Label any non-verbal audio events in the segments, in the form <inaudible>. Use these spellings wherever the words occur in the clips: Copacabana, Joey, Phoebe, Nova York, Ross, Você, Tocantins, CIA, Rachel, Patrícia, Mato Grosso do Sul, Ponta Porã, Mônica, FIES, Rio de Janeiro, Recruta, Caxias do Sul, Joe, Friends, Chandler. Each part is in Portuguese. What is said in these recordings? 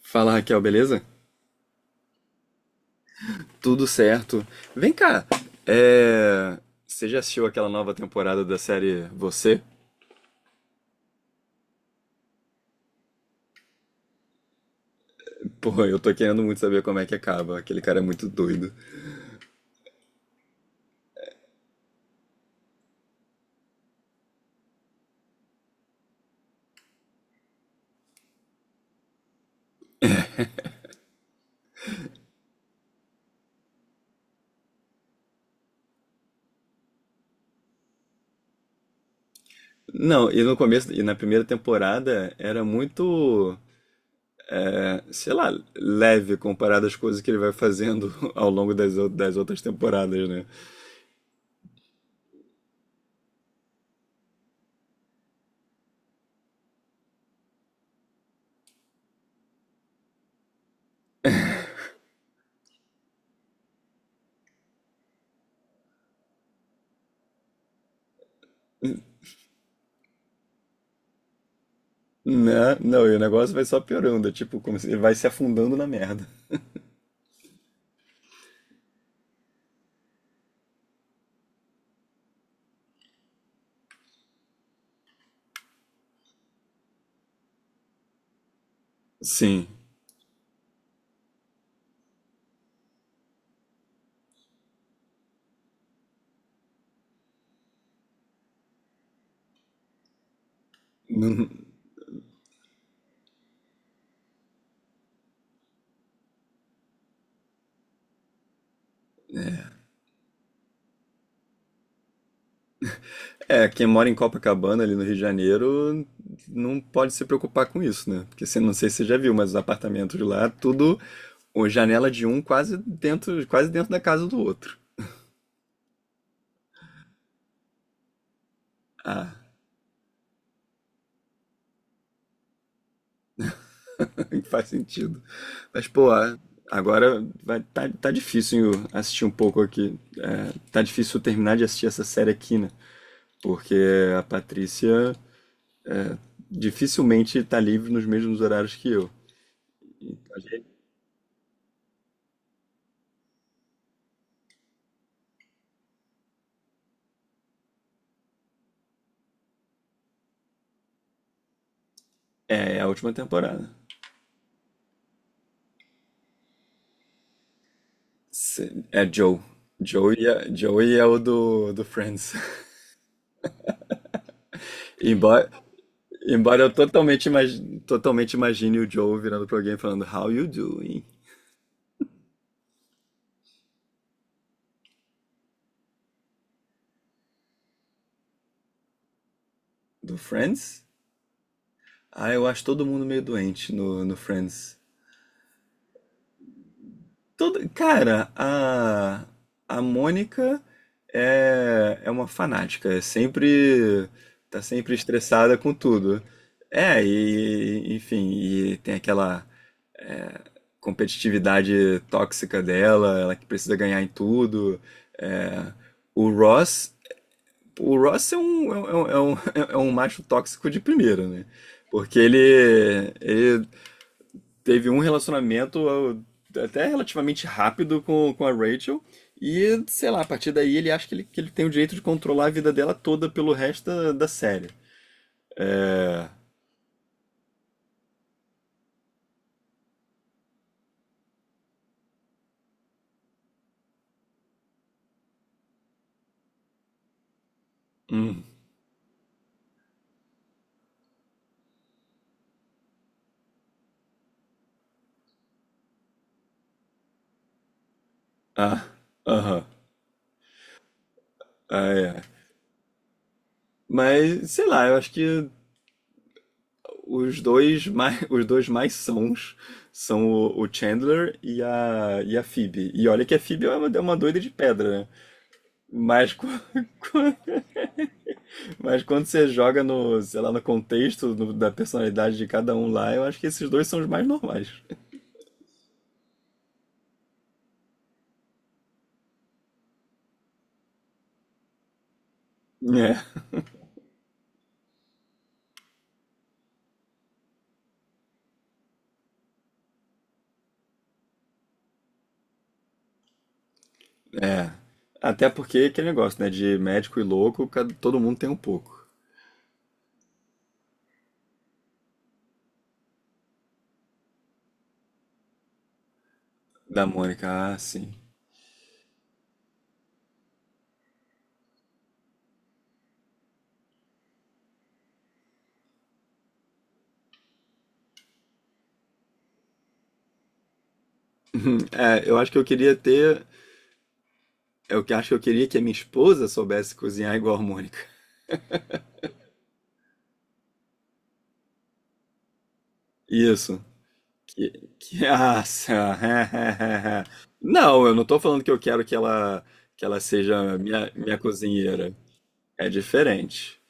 Fala Raquel, beleza? Tudo certo. Vem cá, é... você já assistiu aquela nova temporada da série Você? Pô, eu tô querendo muito saber como é que acaba, aquele cara é muito doido. Não, e no começo, e na primeira temporada era muito, sei lá, leve comparado às coisas que ele vai fazendo <laughs> ao longo das outras temporadas, né? Né? Não, e o negócio vai só piorando, é tipo, como se ele vai se afundando na merda. Sim. É, quem mora em Copacabana, ali no Rio de Janeiro, não pode se preocupar com isso, né? Porque você não sei se você já viu, mas os apartamentos de lá, tudo, o janela de um quase dentro da casa do outro. Ah, <laughs> faz sentido. Mas, pô, agora vai, tá difícil eu assistir um pouco aqui. É, tá difícil eu terminar de assistir essa série aqui, né? Porque a Patrícia é, dificilmente tá livre nos mesmos horários que eu. Então, a gente- É a última temporada. Sim, é Joe. Joey é o do Friends. <laughs> Embora, embora eu totalmente imagine o Joe virando pra alguém e falando How you doing? Do Friends? Ah, eu acho todo mundo meio doente no Friends. Cara, a Mônica é uma fanática. Tá sempre estressada com tudo. É, e enfim, e tem aquela competitividade tóxica dela, ela que precisa ganhar em tudo. É, o Ross, o Ross <laughs> é um macho tóxico de primeira, né? Porque ele teve um relacionamento até relativamente rápido com a Rachel. E, sei lá, a partir daí ele acha que ele tem o direito de controlar a vida dela toda pelo resto da série. É. Hum. Ah. Aham. Ah, é. Mas, sei lá, eu acho que <laughs> os dois mais sãos são o Chandler e a Phoebe. E olha que a Phoebe é uma doida de pedra, né? Mas, qu- <laughs> mas quando você joga no, sei lá, no contexto da personalidade de cada um lá, eu acho que esses dois são os mais normais. É, é. Até porque aquele negócio, né? De médico e louco, todo mundo tem um pouco. Da Mônica, ah, sim. <laughs> É, eu acho que eu queria ter. Acho que eu queria que a minha esposa soubesse cozinhar igual a Mônica. Isso. Que, Nossa. <laughs> Não, eu não tô falando que eu quero que ela seja minha cozinheira. É diferente.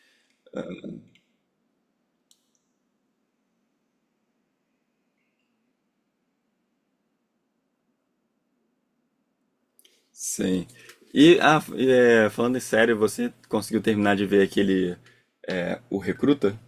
Sim. E, falando em sério, você conseguiu terminar de ver aquele o Recruta?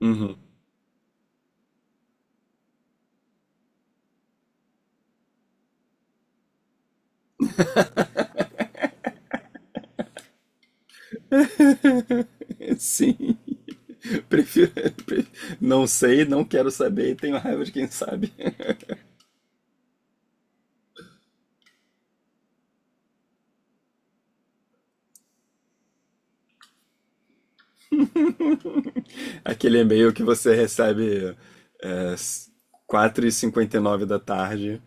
Uhum. <laughs> Sim. Prefiro, pre- não sei, não quero saber e tenho raiva de quem sabe. <laughs> Aquele e-mail que você recebe é, 4:59 da tarde,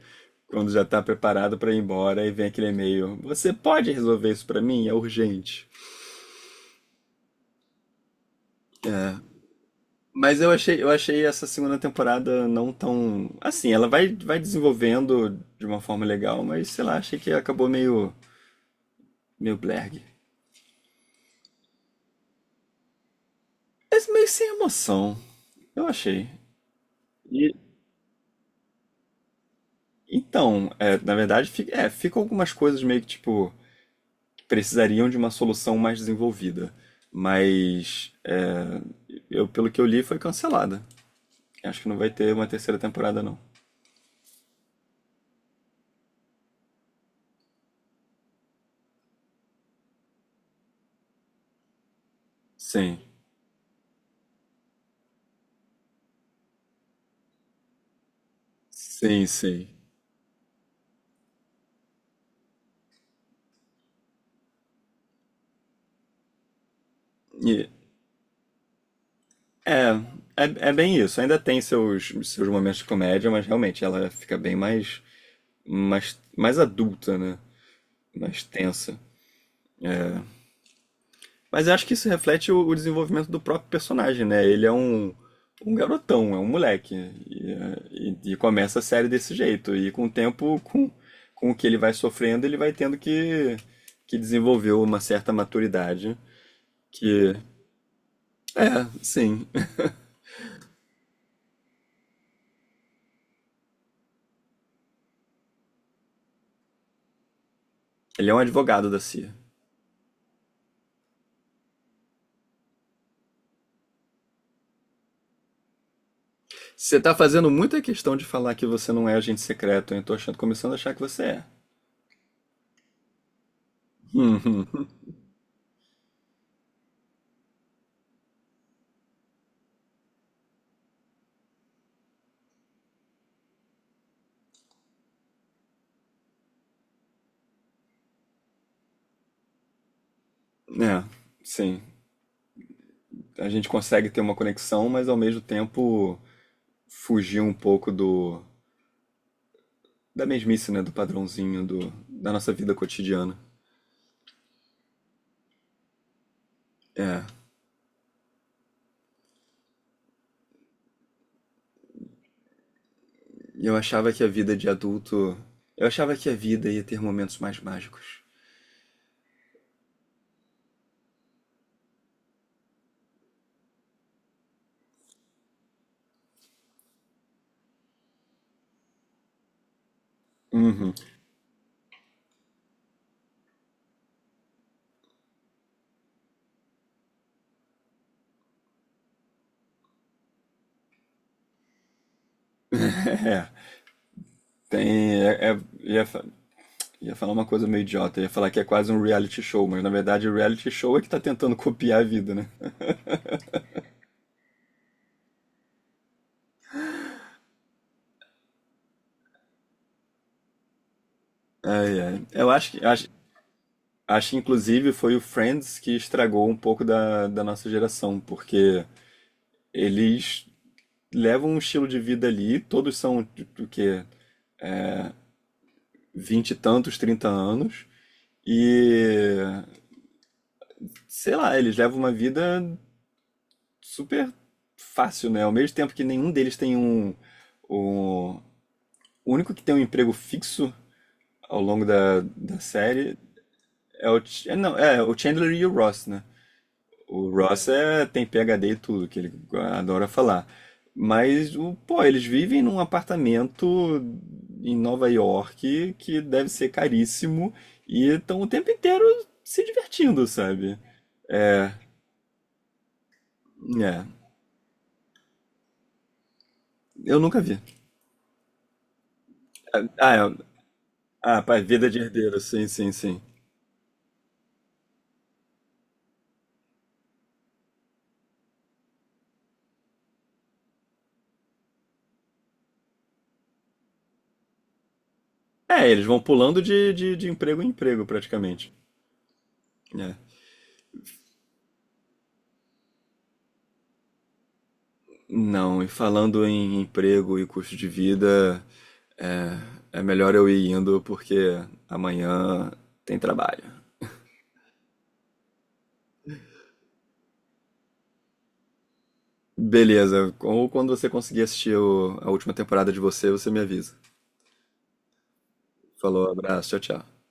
quando já tá preparado pra ir embora e vem aquele e-mail. Você pode resolver isso pra mim? É urgente. Mas eu achei essa segunda temporada não tão. Assim, ela vai desenvolvendo de uma forma legal, mas sei lá, achei que acabou meio blerg. Mas meio sem emoção, eu achei. E, então, na verdade, ficam algumas coisas meio que tipo, que precisariam de uma solução mais desenvolvida. Mas, eu, pelo que eu li, foi cancelada. Acho que não vai ter uma terceira temporada, não. Sim, sim, sim. E- é, é bem isso. Ainda tem seus momentos de comédia, mas realmente ela fica bem mais adulta, né? Mais tensa. Mas eu acho que isso reflete o desenvolvimento do próprio personagem, né? Ele é um garotão, é um moleque. E começa a série desse jeito. E com o tempo, com o que ele vai sofrendo, ele vai tendo que desenvolver uma certa maturidade. Que, sim. <laughs> Ele é um advogado da CIA. Você tá fazendo muita questão de falar que você não é agente secreto, hein? Começando a achar que você é. Uhum. <laughs> É, sim. A gente consegue ter uma conexão, mas ao mesmo tempo fugir um pouco do da mesmice, né? Do padrãozinho da nossa vida cotidiana. É. Eu achava que a vida de adulto. Eu achava que a vida ia ter momentos mais mágicos. Uhum. <laughs> É. Tem. Ia falar uma coisa meio idiota. Ia falar que é quase um reality show, mas na verdade o reality show é que tá tentando copiar a vida, né? Ai, ai. Eu acho que inclusive foi o Friends que estragou um pouco da nossa geração, porque eles levam um estilo de vida ali, todos são tipo, o quê? Vinte e tantos, 30 anos, e sei lá, eles levam uma vida super fácil, né? Ao mesmo tempo que nenhum deles tem um. O único que tem um emprego fixo ao longo da série não, é o Chandler e o Ross, né? O Ross tem PhD e tudo, que ele adora falar. Mas, pô, eles vivem num apartamento em Nova York que deve ser caríssimo e estão o tempo inteiro se divertindo, sabe? É, é. Eu nunca vi. É, pá, vida de herdeiro, sim, sim, sim. É, eles vão pulando de emprego em emprego, praticamente. É. Não, e falando em emprego e custo de vida, É é melhor eu ir indo porque amanhã tem trabalho. Beleza, ou quando você conseguir assistir a última temporada de você, você me avisa. Falou, abraço, tchau, tchau.